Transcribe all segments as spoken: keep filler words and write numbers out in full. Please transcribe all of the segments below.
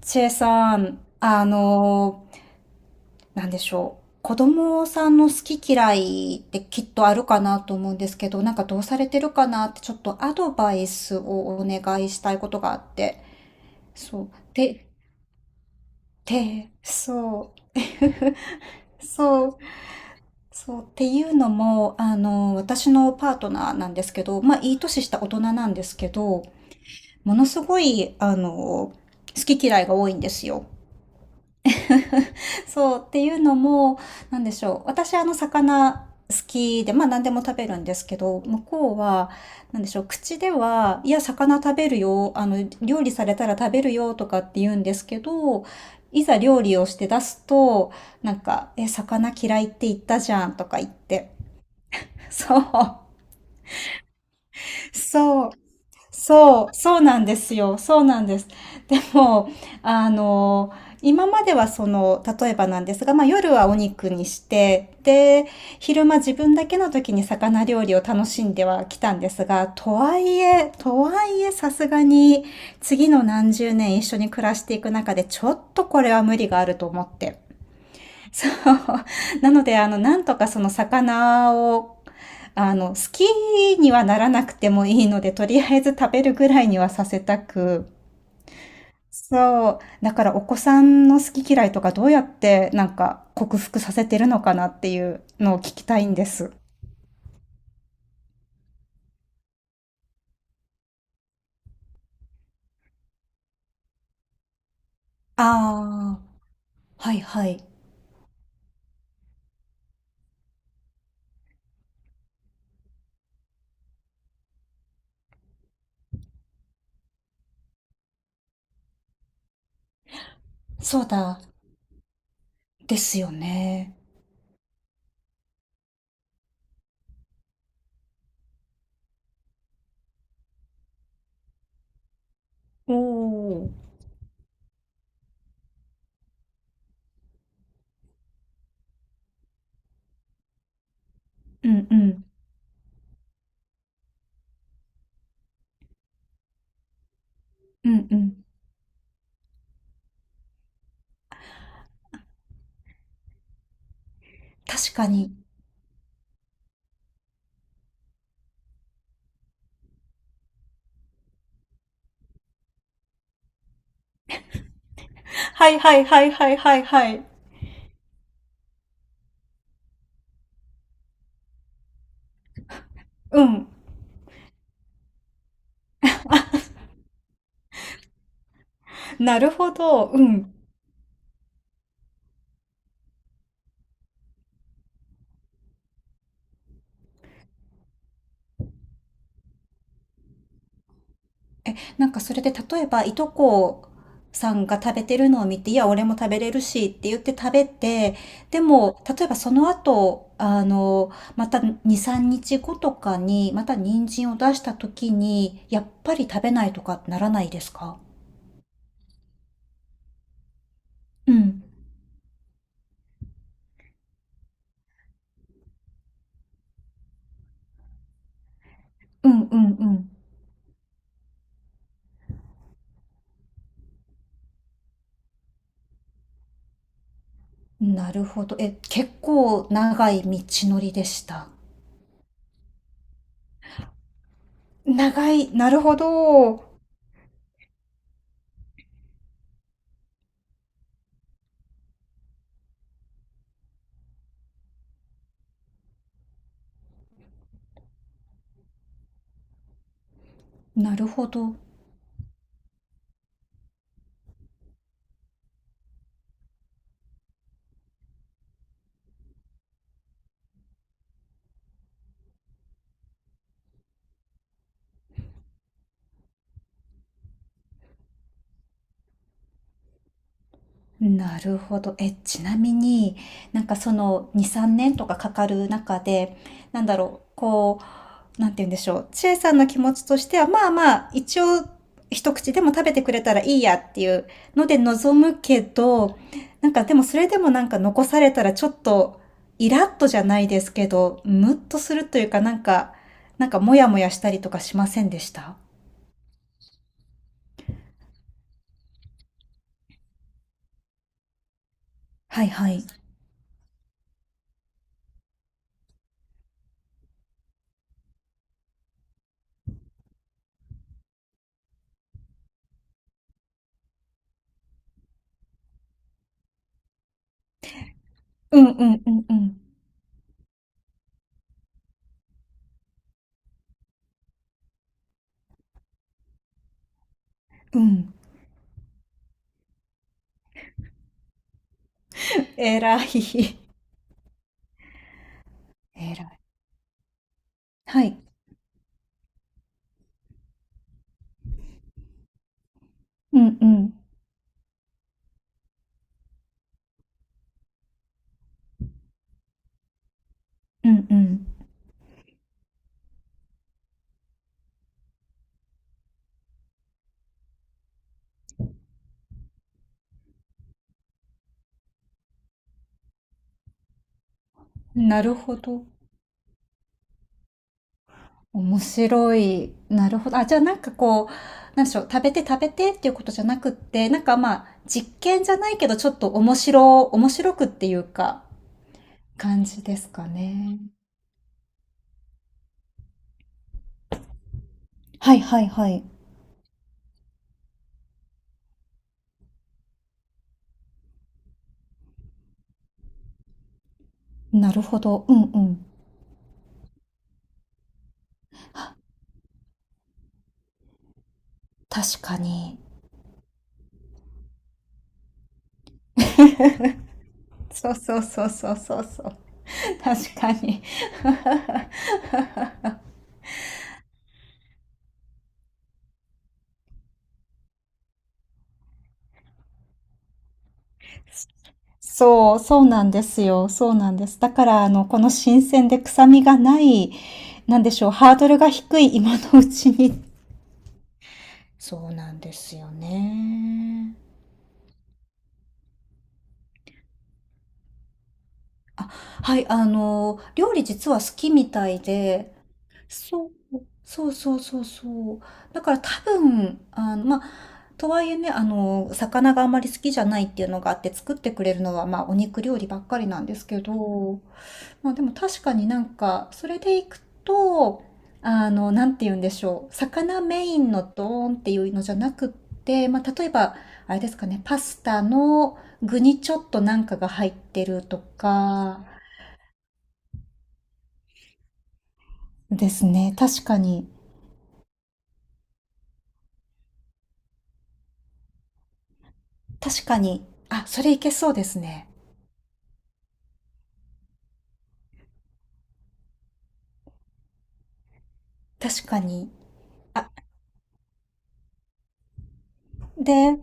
チェさん、あのー、なんでしょう。子供さんの好き嫌いってきっとあるかなと思うんですけど、なんかどうされてるかなってちょっとアドバイスをお願いしたいことがあって。そう。で、で、そう。そう、そうっていうのも、あの、私のパートナーなんですけど、まあ、いい年した大人なんですけど、ものすごい、あの、好き嫌いが多いんですよ。そうっていうのも、なんでしょう。私あの魚好きで、まあ何でも食べるんですけど、向こうは、なんでしょう。口では、いや、魚食べるよ。あの、料理されたら食べるよとかって言うんですけど、いざ料理をして出すと、なんか、え、魚嫌いって言ったじゃんとか言って。そう。そう。そう、そうなんですよ。そうなんです。でも、あの、今まではその、例えばなんですが、まあ夜はお肉にして、で、昼間自分だけの時に魚料理を楽しんではきたんですが、とはいえ、とはいえさすがに次の何十年一緒に暮らしていく中でちょっとこれは無理があると思って。そう。なので、あの、なんとかその魚を、あの、好きにはならなくてもいいので、とりあえず食べるぐらいにはさせたく。そう。だからお子さんの好き嫌いとかどうやってなんか克服させてるのかなっていうのを聞きたいんです。ああ、はいはい。そうだ。ですよね。おお。うんうん。うんうん。確かに。はいはいはいはいはいはい。うん。なるほど。うん。え、なんかそれで例えば、いとこさんが食べてるのを見て、いや、俺も食べれるしって言って食べて、でも、例えばその後、あの、またに、みっかごとかに、また人参を出した時に、やっぱり食べないとかならないですか？うん。うんうんうん。なるほど。え、結構長い道のりでした。長い。なるほど。なるほど。なるほど。え、ちなみになんかそのに、さんねんとかかかる中で、なんだろう、こう、なんて言うんでしょう。千恵さんの気持ちとしては、まあまあ、一応一口でも食べてくれたらいいやっていうので望むけど、なんかでもそれでもなんか残されたらちょっとイラッとじゃないですけど、ムッとするというかなんか、なんかモヤモヤしたりとかしませんでした？はいはい。うんうんうんうん。うん。えらい。えらい。はい。うんうん。うんうん。なるほど。面白い。なるほど。あ、じゃあなんかこう、なんでしょう。食べて食べてっていうことじゃなくって、なんかまあ、実験じゃないけど、ちょっと面白、面白くっていうか、感じですかね。はいはいはい。なるほど。うんうん。確かに。そうそうそうそうそうそう。確かに。そう、そうなんですよ。そうなんです。だから、あの、この新鮮で臭みがない、なんでしょう、ハードルが低い今のうちに。そうなんですよね。はい、あの、料理実は好きみたいで、そう、そうそうそうそう。だから多分、あの、まあ、とはいえね、あの、魚があまり好きじゃないっていうのがあって作ってくれるのは、まあ、お肉料理ばっかりなんですけど、まあでも確かになんか、それでいくと、あの、なんて言うんでしょう。魚メインのドーンっていうのじゃなくって、まあ例えば、あれですかね、パスタの具にちょっとなんかが入ってるとか、ですね。確かに。確かに。あ、それいけそうですね。確かに。あ、で、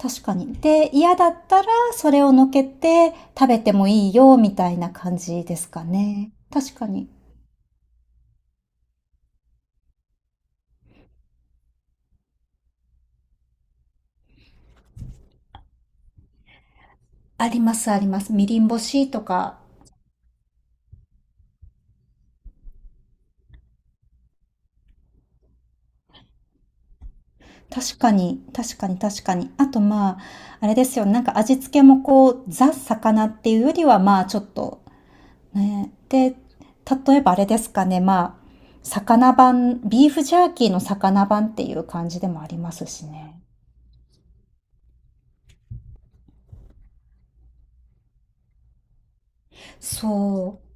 確かに。で、嫌だったらそれをのけて食べてもいいよ、みたいな感じですかね。確かに。ありますあります。みりん干しとか。確かに、確かに、確かに。あと、まあ、あれですよね。なんか味付けもこう、ザ・魚っていうよりは、まあ、ちょっと、ね。で、例えばあれですかね。まあ、魚版、ビーフジャーキーの魚版っていう感じでもありますしね。そう。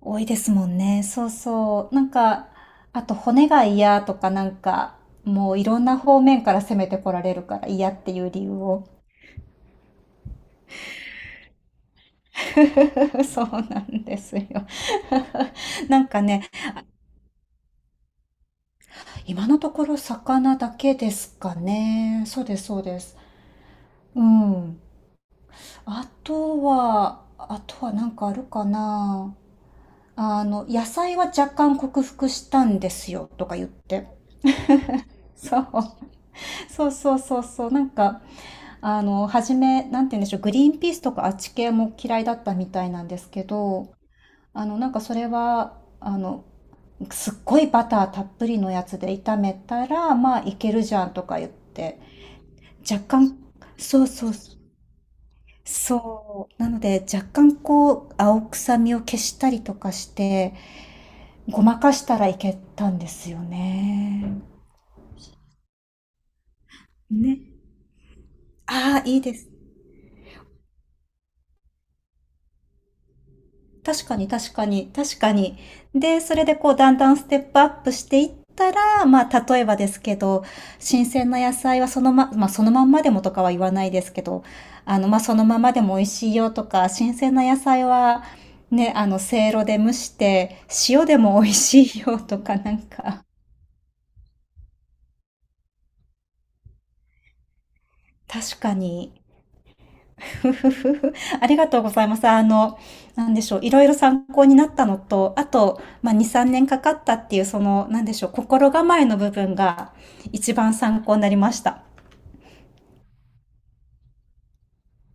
多いですもんね。そうそう。なんか、あと骨が嫌とかなんか、もういろんな方面から攻めてこられるから嫌っていう理由を そうなんですよ なんかね、今のところ魚だけですかね。そうです、そうです。うん。あとは、あとはなんかあるかな。あの、野菜は若干克服したんですよ、とか言って。そう、そうそうそうそう。なんか、あの、初め、なんて言うんでしょう、グリーンピースとかあっち系も嫌いだったみたいなんですけど、あの、なんかそれは、あの、すっごいバターたっぷりのやつで炒めたら、まあいけるじゃんとか言って、若干、そうそうそう、そう、なので若干こう、青臭みを消したりとかして、ごまかしたらいけたんですよね。ね。ああ、いいです。確かに確かに確かに。で、それでこうだんだんステップアップしていったら、まあ例えばですけど、新鮮な野菜はそのま、まあそのまんまでもとかは言わないですけど、あのまあそのままでも美味しいよとか、新鮮な野菜はね、あのせいろで蒸して塩でも美味しいよとかなんか、確かに ふふふふ。ありがとうございます。あの、なんでしょう、いろいろ参考になったのと、あと、まあ、に、さんねんかかったっていう、その、なんでしょう、心構えの部分が一番参考になりました。